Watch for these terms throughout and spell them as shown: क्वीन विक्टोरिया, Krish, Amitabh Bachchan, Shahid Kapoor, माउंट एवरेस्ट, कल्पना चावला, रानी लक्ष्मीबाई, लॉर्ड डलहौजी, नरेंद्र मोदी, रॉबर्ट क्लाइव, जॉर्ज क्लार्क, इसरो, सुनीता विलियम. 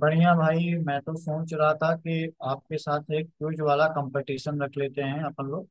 बढ़िया भाई। मैं तो सोच रहा था कि आपके साथ एक क्विज वाला कंपटीशन रख लेते हैं अपन लोग,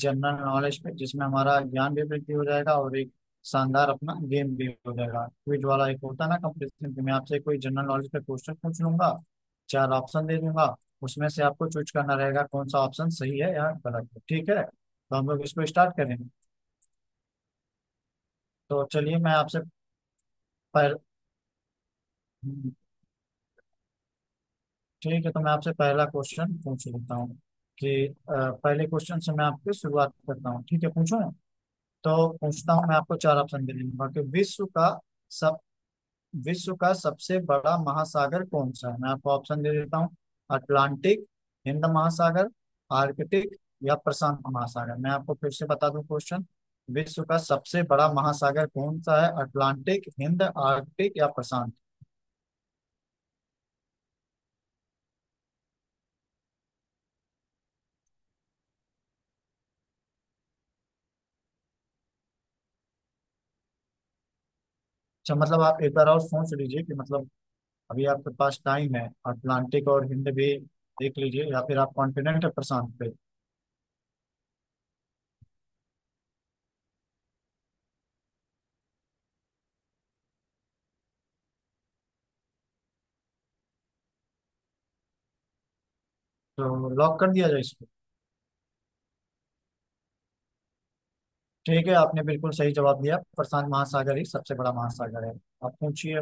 जनरल नॉलेज पे, जिसमें हमारा ज्ञान भी वृद्धि हो जाएगा और एक शानदार अपना गेम भी हो जाएगा। क्विज वाला एक होता है ना कंपटीशन, कि मैं आपसे कोई जनरल नॉलेज पे क्वेश्चन पूछ लूंगा, चार ऑप्शन दे दूंगा। उसमें से आपको चूज करना रहेगा कौन सा ऑप्शन सही है या गलत है। ठीक है, तो हम लोग इसको स्टार्ट करेंगे। तो चलिए, मैं आपसे पर ठीक है, तो मैं आपसे पहला क्वेश्चन पूछ लेता हूँ कि पहले क्वेश्चन से मैं आपकी शुरुआत करता हूँ। ठीक है, पूछूं तो पूछता हूँ। मैं आपको चार ऑप्शन दे दूंगा कि विश्व का सब विश्व का सबसे बड़ा महासागर कौन सा है? मैं आपको ऑप्शन दे देता हूँ: अटलांटिक, हिंद महासागर, आर्कटिक या प्रशांत महासागर। मैं आपको फिर से बता दूं क्वेश्चन: विश्व का सबसे बड़ा महासागर कौन सा है? अटलांटिक, हिंद, आर्कटिक या प्रशांत? अच्छा, मतलब आप एक बार और सोच लीजिए कि, मतलब, अभी आपके पास टाइम है, अटलांटिक और हिंद भी देख लीजिए, या फिर आप कॉन्फिडेंट है प्रशांत पे? तो लॉक कर दिया जाए इसको? ठीक है, आपने बिल्कुल सही जवाब दिया, प्रशांत महासागर ही सबसे बड़ा महासागर है। आप पूछिए।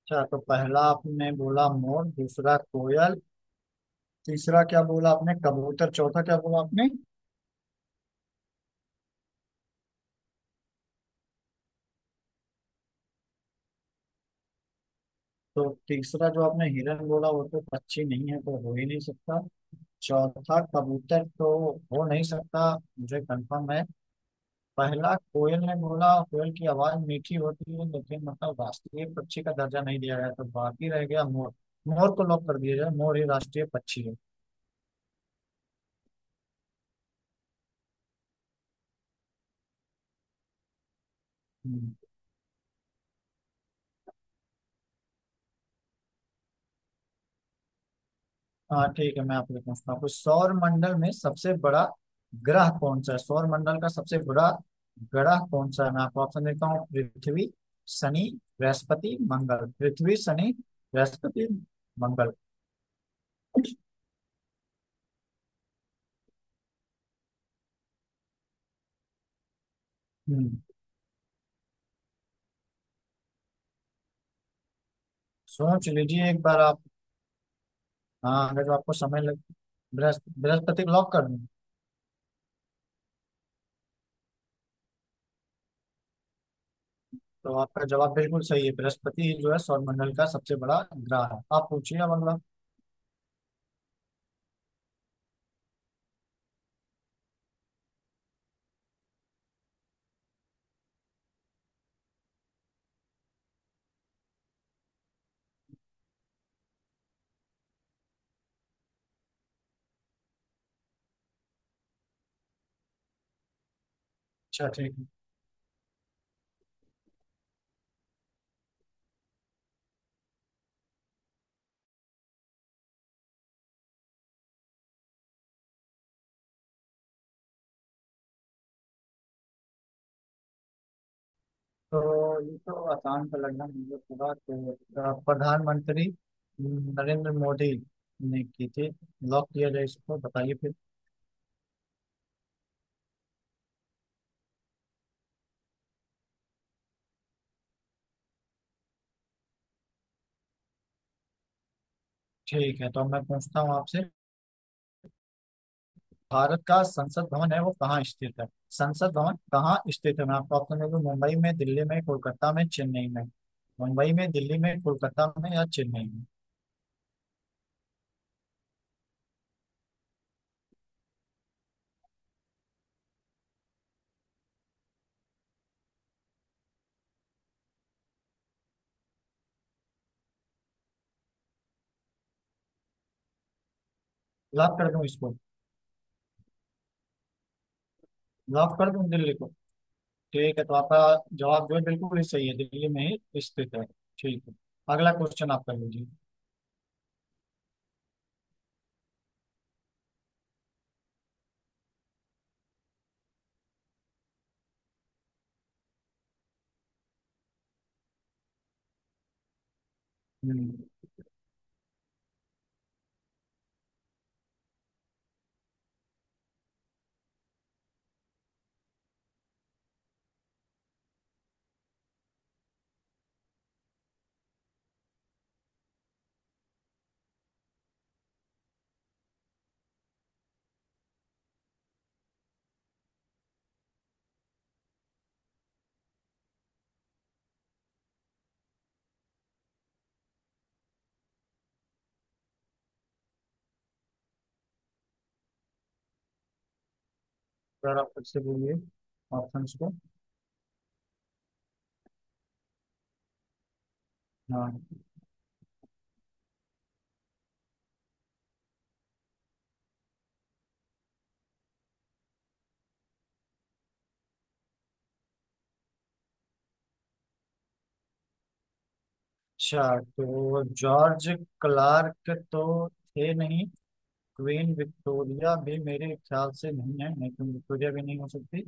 अच्छा, तो पहला आपने बोला मोर, दूसरा कोयल, तीसरा क्या बोला आपने, कबूतर, चौथा क्या बोला आपने? तो तीसरा जो आपने हिरन बोला वो तो पक्षी नहीं है, तो हो ही नहीं सकता। चौथा कबूतर तो हो नहीं सकता, मुझे कंफर्म है। पहला कोयल ने बोला, कोयल की आवाज मीठी होती है लेकिन मतलब राष्ट्रीय पक्षी का दर्जा नहीं दिया गया, तो बाकी रह गया मोर। मोर को लॉक कर दिया जाए, मोर ही राष्ट्रीय पक्षी है। हम्म, हाँ ठीक है, मैं आपसे पूछता हूँ, सौर मंडल में सबसे बड़ा ग्रह कौन सा है? सौर मंडल का सबसे बड़ा ग्रह कौन सा है? मैं आपको ऑप्शन देता हूँ: पृथ्वी, शनि, बृहस्पति, मंगल। पृथ्वी, शनि, बृहस्पति, मंगल। हम्म सोच लीजिए एक बार आप। हाँ, अगर जो आपको समय लग, बृहस्पति को लॉक कर दूं? तो आपका जवाब बिल्कुल सही है, बृहस्पति ही जो है सौरमंडल का सबसे बड़ा ग्रह है। आप पूछिए अब अगला। अच्छा ठीक है, तो ये तो आसान का लग रहा है मुझे पूरा तो। प्रधानमंत्री नरेंद्र मोदी ने की थी। लॉक किया जाए इसको, बताइए फिर। ठीक है, तो अब मैं पूछता हूँ आपसे, भारत का संसद भवन है वो कहाँ स्थित है? संसद भवन कहाँ स्थित है? मैं आपको ऑप्शन दे दूं: मुंबई में, दिल्ली में, कोलकाता में, चेन्नई में। मुंबई में, दिल्ली में, कोलकाता में या चेन्नई में? लॉक कर दूं इसको? लॉक कर दूं दिल्ली को? ठीक है, तो आपका जवाब जो है बिल्कुल ही सही है, दिल्ली में ही स्थित है। ठीक है, अगला क्वेश्चन आप कर लीजिए। हम्म सर, आप फिर से बोलिए ऑप्शंस को। हाँ। अच्छा, तो जॉर्ज क्लार्क तो थे नहीं, क्वीन विक्टोरिया भी मेरे ख्याल से नहीं है, नहीं क्वीन विक्टोरिया भी नहीं हो सकती।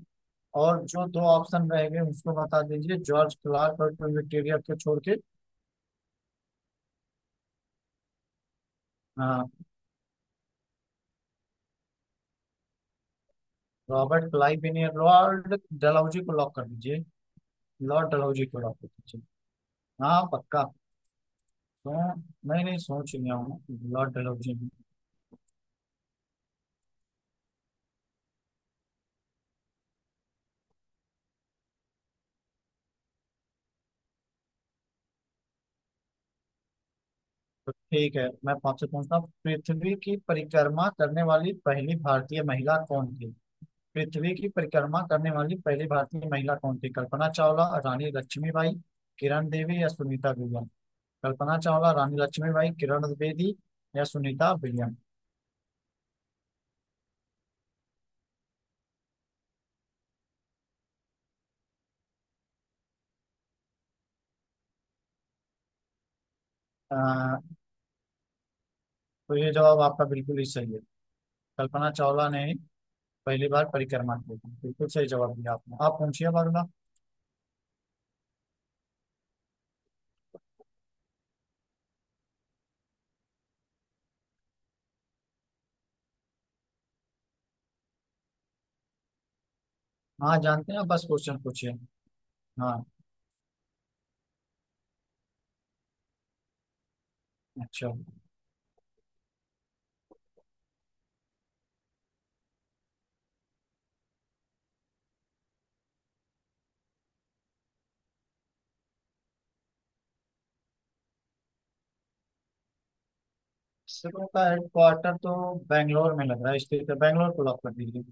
और जो दो ऑप्शन रह गए उसको बता दीजिए, जॉर्ज क्लार्क और क्वीन विक्टोरिया को छोड़ के। हाँ। रॉबर्ट क्लाइव भी नहीं है, लॉर्ड डलहौजी को लॉक कर दीजिए, लॉर्ड डलहौजी को लॉक कर दीजिए। हाँ, पक्का। तो नहीं नहीं, सोच लिया हूँ ब्लड एलर्जी में। तो ठीक है, मैं आपसे पूछता हूँ, पृथ्वी की परिक्रमा करने वाली पहली भारतीय महिला कौन थी? पृथ्वी की परिक्रमा करने वाली पहली भारतीय महिला कौन थी? कल्पना चावला, रानी लक्ष्मीबाई, किरण देवी या सुनीता विलियम। कल्पना चावला, रानी लक्ष्मीबाई, किरण द्विवेदी या सुनीता विलियम। अ, तो ये जवाब आपका बिल्कुल ही सही है, कल्पना चावला ने पहली बार परिक्रमा की थी। बिल्कुल सही जवाब दिया आपने, आप पूछिए अब अगला। हाँ, जानते हैं, बस क्वेश्चन पूछिए। हाँ। अच्छा। इसरो का हेडक्वार्टर तो बेंगलोर में लग रहा है, स्थित है, बेंगलोर को लॉक कर दीजिए।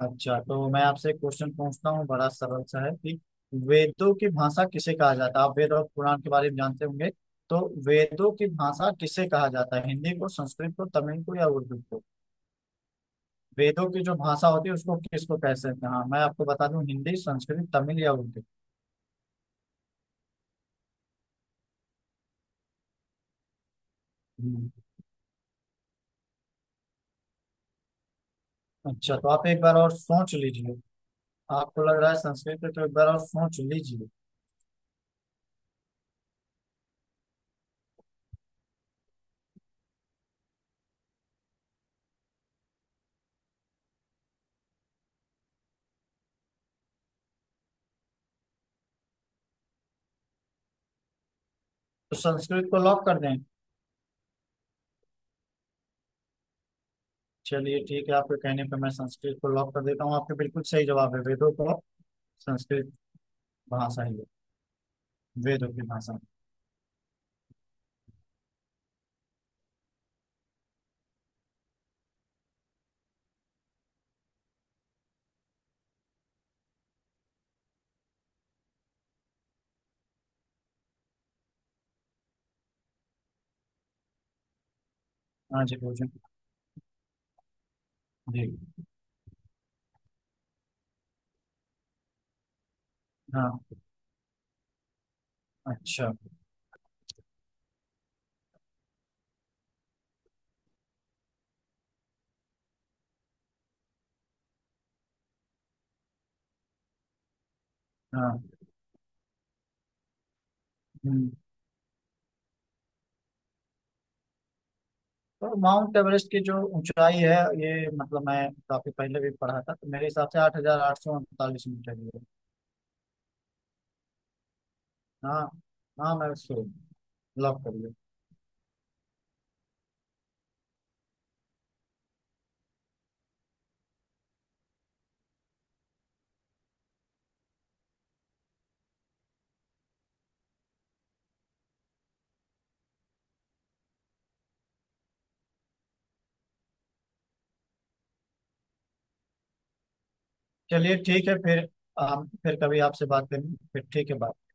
अच्छा, तो मैं आपसे क्वेश्चन पूछता हूँ, बड़ा सरल सा है कि वेदों की भाषा किसे कहा जाता है? आप वेद और पुराण के बारे में जानते होंगे तो, वेदों की भाषा किसे कहा जाता है? हिंदी को, संस्कृत को, तमिल को या उर्दू को? वेदों की जो भाषा होती है उसको किसको कह सकते हैं? हाँ, मैं आपको बता दूं: हिंदी, संस्कृत, तमिल या उर्दू। हम्म, अच्छा, तो आप एक बार और सोच लीजिए, आपको लग रहा है संस्कृत पे, तो एक बार और सोच लीजिए। तो संस्कृत को लॉक कर दें? चलिए ठीक है, आपके कहने पे मैं संस्कृत को लॉक कर देता हूँ, आपके बिल्कुल सही जवाब है, वेदों को संस्कृत भाषा ही है, वेदों की भाषा। हाँ जी, पूछें। जी। हाँ। अच्छा। हाँ। हम्म। तो माउंट एवरेस्ट की जो ऊंचाई है, ये मतलब मैं काफी पहले भी पढ़ा था, तो मेरे हिसाब से 8,839 मीटर ही है। हाँ। हाँ मैं उसको लॉक करिए। चलिए ठीक है फिर, हम फिर कभी आपसे बात करेंगे फिर। ठीक है, बाय।